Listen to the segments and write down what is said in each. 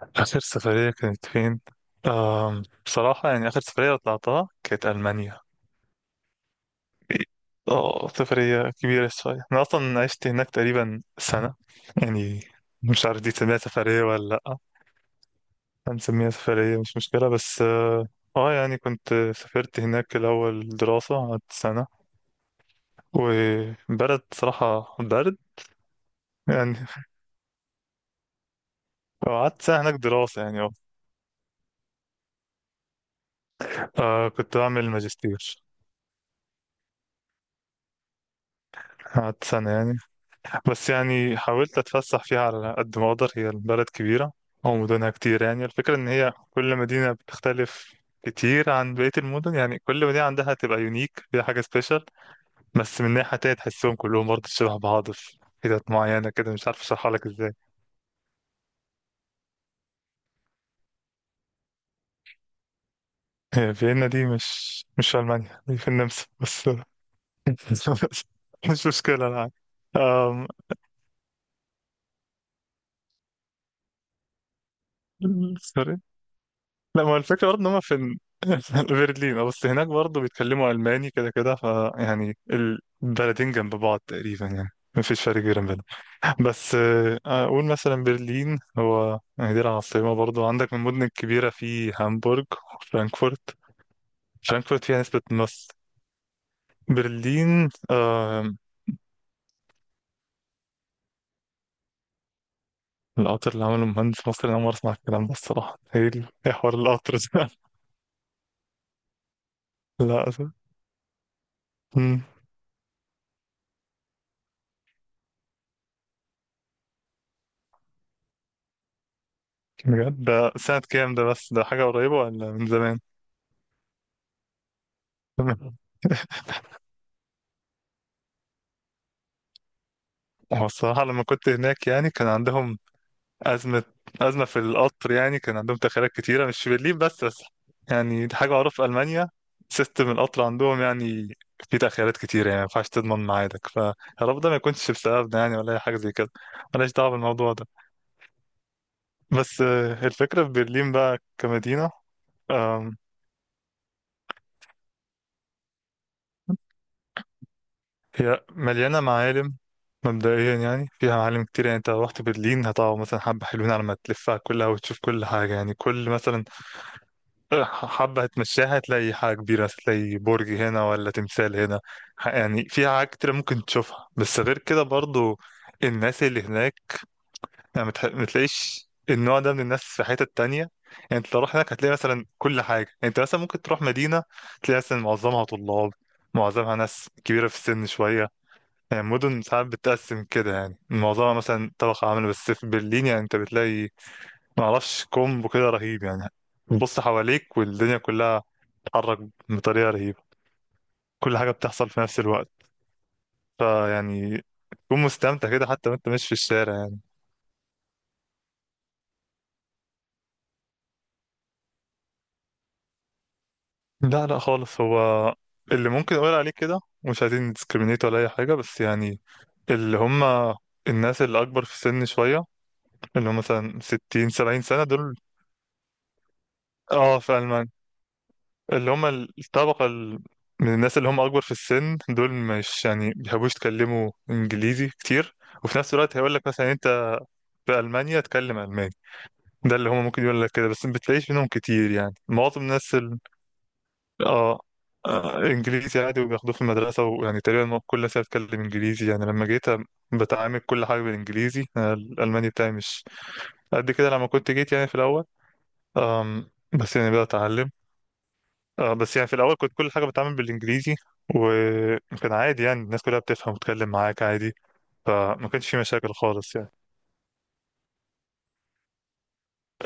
آخر سفرية كانت فين؟ بصراحة يعني آخر سفرية طلعتها كانت ألمانيا. اه سفرية كبيرة شوية. أنا أصلا عشت هناك تقريبا سنة، يعني مش عارف دي تسميها سفرية ولا. لأ، هنسميها سفرية، مش مشكلة. بس اه آه، يعني كنت سافرت هناك الأول دراسة، قعدت سنة، وبلد صراحة برد يعني. قعدت سنة هناك دراسة يعني. كنت بعمل ماجستير، قعدت سنة يعني. بس يعني حاولت اتفسح فيها على قد ما اقدر، هي البلد كبيرة او مدنها كتير. يعني الفكرة ان هي كل مدينة بتختلف كتير عن بقية المدن، يعني كل مدينة عندها تبقى يونيك، فيها حاجة سبيشال، بس من ناحية تانية تحسهم كلهم برضه شبه بعض في حتت معينة كده، مش عارف اشرحها لك ازاي. هي فيينا دي مش في ألمانيا، دي في النمسا بس. مش مشكلة، أنا عارف. أم... سوري. لا، ما هو الفكرة برضه ان هم في ال- في برلين، بس هناك برضه بيتكلموا الماني كده كده، ف يعني البلدين جنب بعض تقريبا يعني، مفيش فرق كبير بينهم. بس آه، اقول مثلا برلين هو، يعني دي العاصمة. برضه عندك من المدن الكبيرة في هامبورغ وفرانكفورت. فرانكفورت فيها نسبة نص. برلين. القطر اللي عمله مهندس مصري، انا أول مرة اسمع الكلام ده الصراحة. ايه ال- إيه حوار القطر ده؟ لا، أسف. مم، بجد ده سنة كام ده؟ بس ده حاجة قريبة ولا من زمان؟ تمام. هو الصراحة لما كنت هناك يعني كان عندهم أزمة، أزمة في القطر. يعني كان عندهم تأخيرات كتيرة، مش في برلين بس. يعني دي حاجة معروفة في ألمانيا. سيستم القطر عندهم يعني فيه تأخيرات كتيرة، يعني ما ينفعش تضمن ميعادك، فيا رب ده ما يكونش بسببنا يعني، ولا أي حاجة زي كده. ملهاش دعوة بالموضوع ده. بس آه، الفكرة في برلين بقى كمدينة. آم، هي مليانة معالم. مبدئيا يعني فيها معالم كتير. يعني انت لو رحت برلين هتقعد مثلا حبة حلوين على ما تلفها كلها وتشوف كل حاجة. يعني كل مثلا حبة هتمشيها هتلاقي حاجة كبيرة، هتلاقي برج هنا ولا تمثال هنا. ح- يعني في حاجات كتير ممكن تشوفها. بس غير كده برضو، الناس اللي هناك يعني متح- متلاقيش النوع ده من الناس في حتة تانية. يعني انت لو رحت هناك هتلاقي مثلا كل حاجة. يعني انت مثلا ممكن تروح مدينة تلاقي مثلا معظمها طلاب، معظمها ناس كبيرة في السن شوية. يعني مدن ساعات بتتقسم كده، يعني معظمها مثلا طبقة عاملة. بس في برلين يعني انت بتلاقي معرفش كومبو كده رهيب يعني. بتبص حواليك والدنيا كلها بتتحرك بطريقة رهيبة. كل حاجة بتحصل في نفس الوقت، فيعني تكون مستمتع كده حتى وانت ماشي في الشارع يعني. لا لا خالص. هو اللي ممكن اقول عليه كده، مش عايزين نديسكريمينيت ولا اي حاجة، بس يعني اللي هم الناس اللي اكبر في السن شوية، اللي هم مثلا 60 70 سنة دول. اه، في ألمانيا اللي هم الطبقة ال- من الناس اللي هم اكبر في السن دول مش يعني بيحبوش يتكلموا انجليزي كتير. وفي نفس الوقت هيقول لك مثلا: انت في ألمانيا، اتكلم ألماني. ده اللي هم ممكن يقول لك كده. بس ما بتلاقيش منهم كتير، يعني معظم الناس ال... اه، انجليزي عادي، وبياخدوه في المدرسه، ويعني تقريبا كل سنه بتكلم انجليزي. يعني لما جيت أ- بتعامل كل حاجه بالانجليزي. أنا الالماني بتاعي مش قد كده لما كنت جيت يعني في الاول. بس يعني بدات اتعلم. بس يعني في الاول كنت كل حاجه بتعامل بالانجليزي، وكان عادي يعني الناس كلها بتفهم وتتكلم معاك عادي. فما كانش في مشاكل خالص يعني.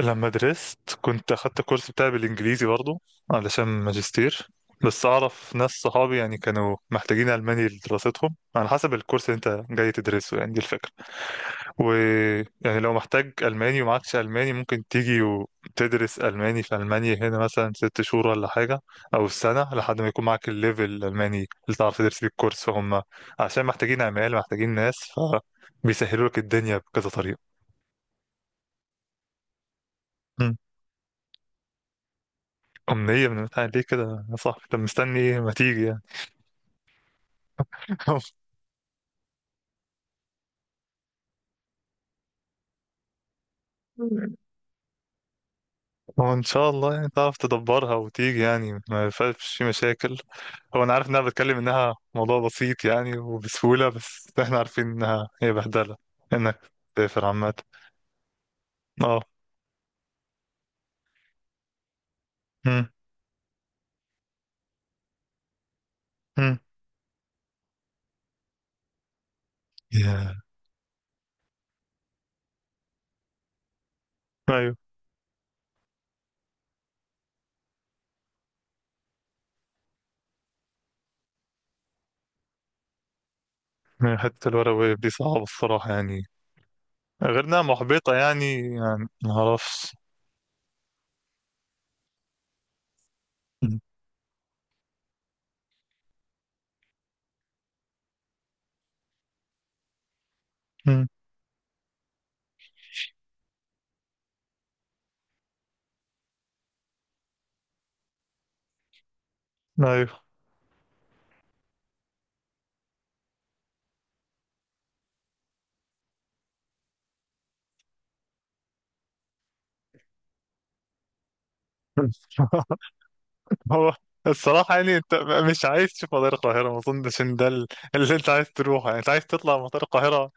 لما درست كنت اخدت الكورس بتاعي بالانجليزي برضو، علشان ماجستير. بس اعرف ناس صحابي يعني كانوا محتاجين الماني لدراستهم، على حسب الكورس اللي انت جاي تدرسه، يعني دي الفكره. ويعني لو محتاج الماني ومعكش الماني، ممكن تيجي وتدرس الماني في المانيا هنا مثلا 6 شهور ولا حاجه، او سنه لحد ما يكون معاك الليفل الالماني اللي تعرف تدرس بيه الكورس. فهم عشان محتاجين، عمال محتاجين ناس، فبيسهلوا لك الدنيا بكذا طريقه. أمنية من بتاع؟ ليه كده يا صاحبي؟ طب مستني إيه؟ ما تيجي يعني. هو إن شاء الله يعني تعرف تدبرها وتيجي، يعني ما فيهاش في مشاكل. هو أنا عارف إنها بتكلم إنها موضوع بسيط يعني وبسهولة، بس إحنا عارفين إنها هي بهدلة إنك تسافر عامة. أه. أمم، أمم. يا أيوه، من حتة الورق واليد دي صعبة الصراحة يعني، غير إنها محبطة يعني. يعني ما أعرفش. أمم، أمم. أيوه. هو الصراحة يعني انت مش عايز تشوف مطار القاهرة. ما اظنش ان ده ال- اللي انت عايز تروحه. يعني انت عايز تطلع مطار القاهرة.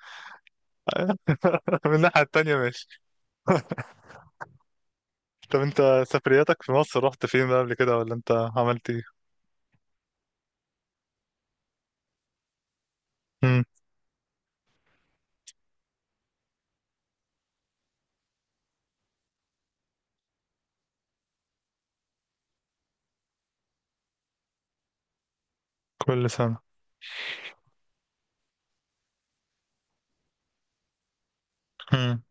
من الناحية التانية، ماشي. طب انت سفرياتك في مصر، رحت فين بقى قبل كده ولا انت عملت ايه؟ مم. كل سنة. مم.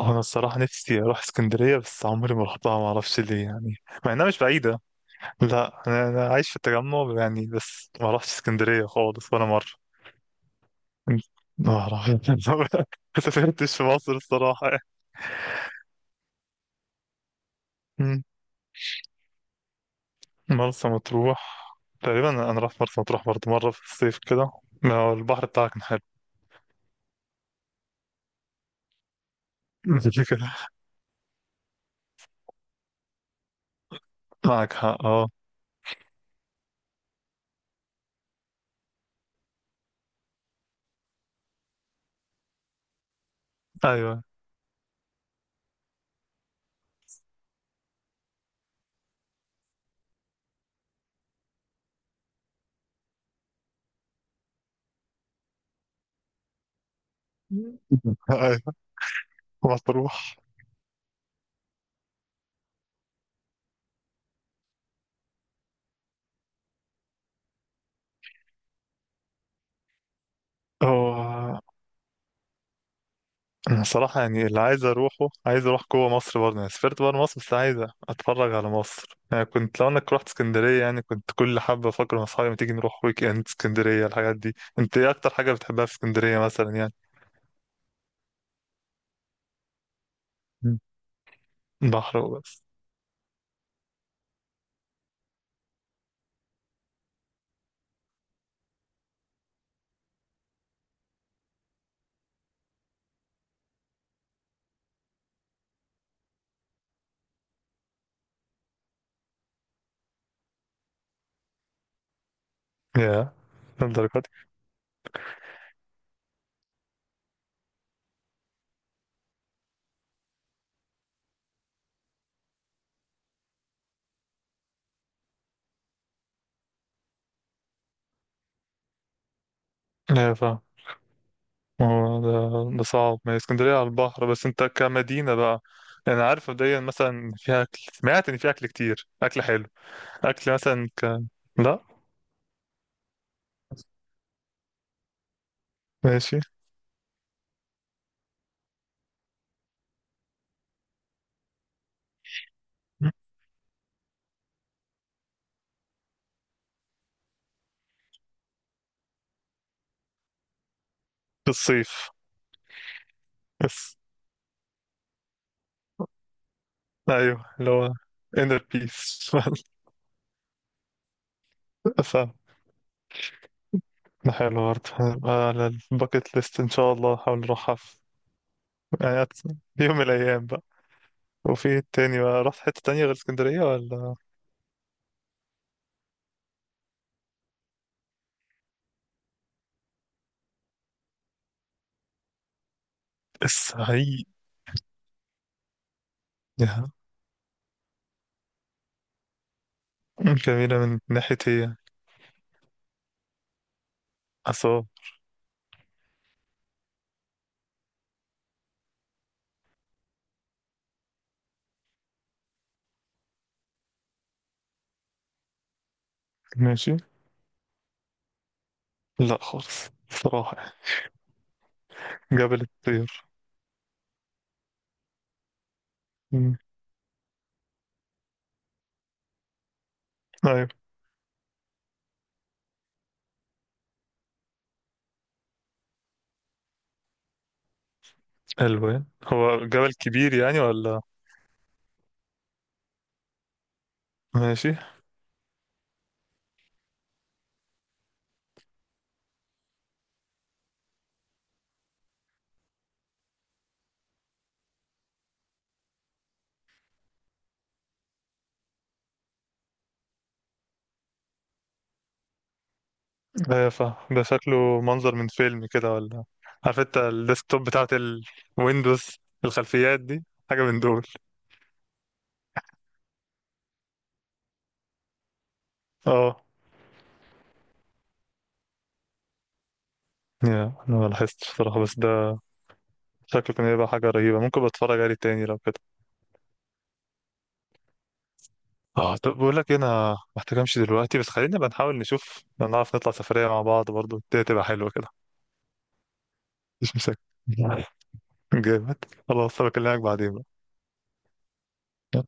هو انا الصراحة نفسي اروح اسكندرية، بس عمري ما رحتها، ما اعرفش ليه يعني، مع انها مش بعيدة. لا، أنا عايش في التجمع يعني، بس ما رحتش اسكندرية خالص ولا مرة. ما اعرف. ما سافرتش في مصر الصراحة. مم. مرسى مطروح. تقريبا انا رحت مرسى مطروح برضه مره في الصيف كده. ما هو البحر بتاعها كان حلو. دي كده، معك حق اه. ايوه. ايوه. مطروح. هو انا صراحه يعني اللي عايز اروحه، عايز اروح جوه مصر برضه. يعني سافرت بره مصر بس عايز اتفرج على مصر. يعني كنت لو انك رحت اسكندريه، يعني كنت كل حبه افكر مع اصحابي: ما تيجي نروح ويك اند اسكندريه الحاجات دي. انت ايه اكتر حاجه بتحبها في اسكندريه مثلا يعني؟ بحر وبس؟ يا للدرجه دي؟ ما هو ده صعب. ما هي اسكندرية على البحر، بس انت كمدينة بقى، يعني عارف مبدئيا مثلا إن فيها أكل، سمعت إن فيها أكل كتير، أكل حلو، أكل مثلا ك... لا، ماشي. في الصيف بس. أيوه اللي هو inner peace. فاهم. ده حلو برضه. هنبقى على الباكت ليست إن شاء الله. هحاول أروحها في يعني أت- في يوم من الأيام بقى. وفي إيه تاني بقى، رحت حتة تانية غير اسكندرية ولا؟ الصعيد. يا. جميلة من ناحية إيه؟ أسوان. ماشي. لا خالص صراحة يعني. جبل الطير. مم. أيوة. ألوان، هو جبل كبير يعني ولا؟ ماشي. أيوة فاهم. ده شكله منظر من فيلم كده ولا؟ عارف انت الديسكتوب بتاعت الويندوز، الخلفيات دي. حاجة من دول. اه. يا، أنا ما لاحظتش بصراحة، بس ده شكله كان هيبقى حاجة رهيبة. ممكن بتفرج عليه تاني لو كده. اه، طب بقول لك إيه، أنا محتاج أمشي دلوقتي. بس خلينا بقى نحاول نشوف لو نعرف نطلع سفرية مع بعض برضه، دي هتبقى حلوة كده. مش مشاكل. جامد. خلاص، بكلمك بعدين. يلا.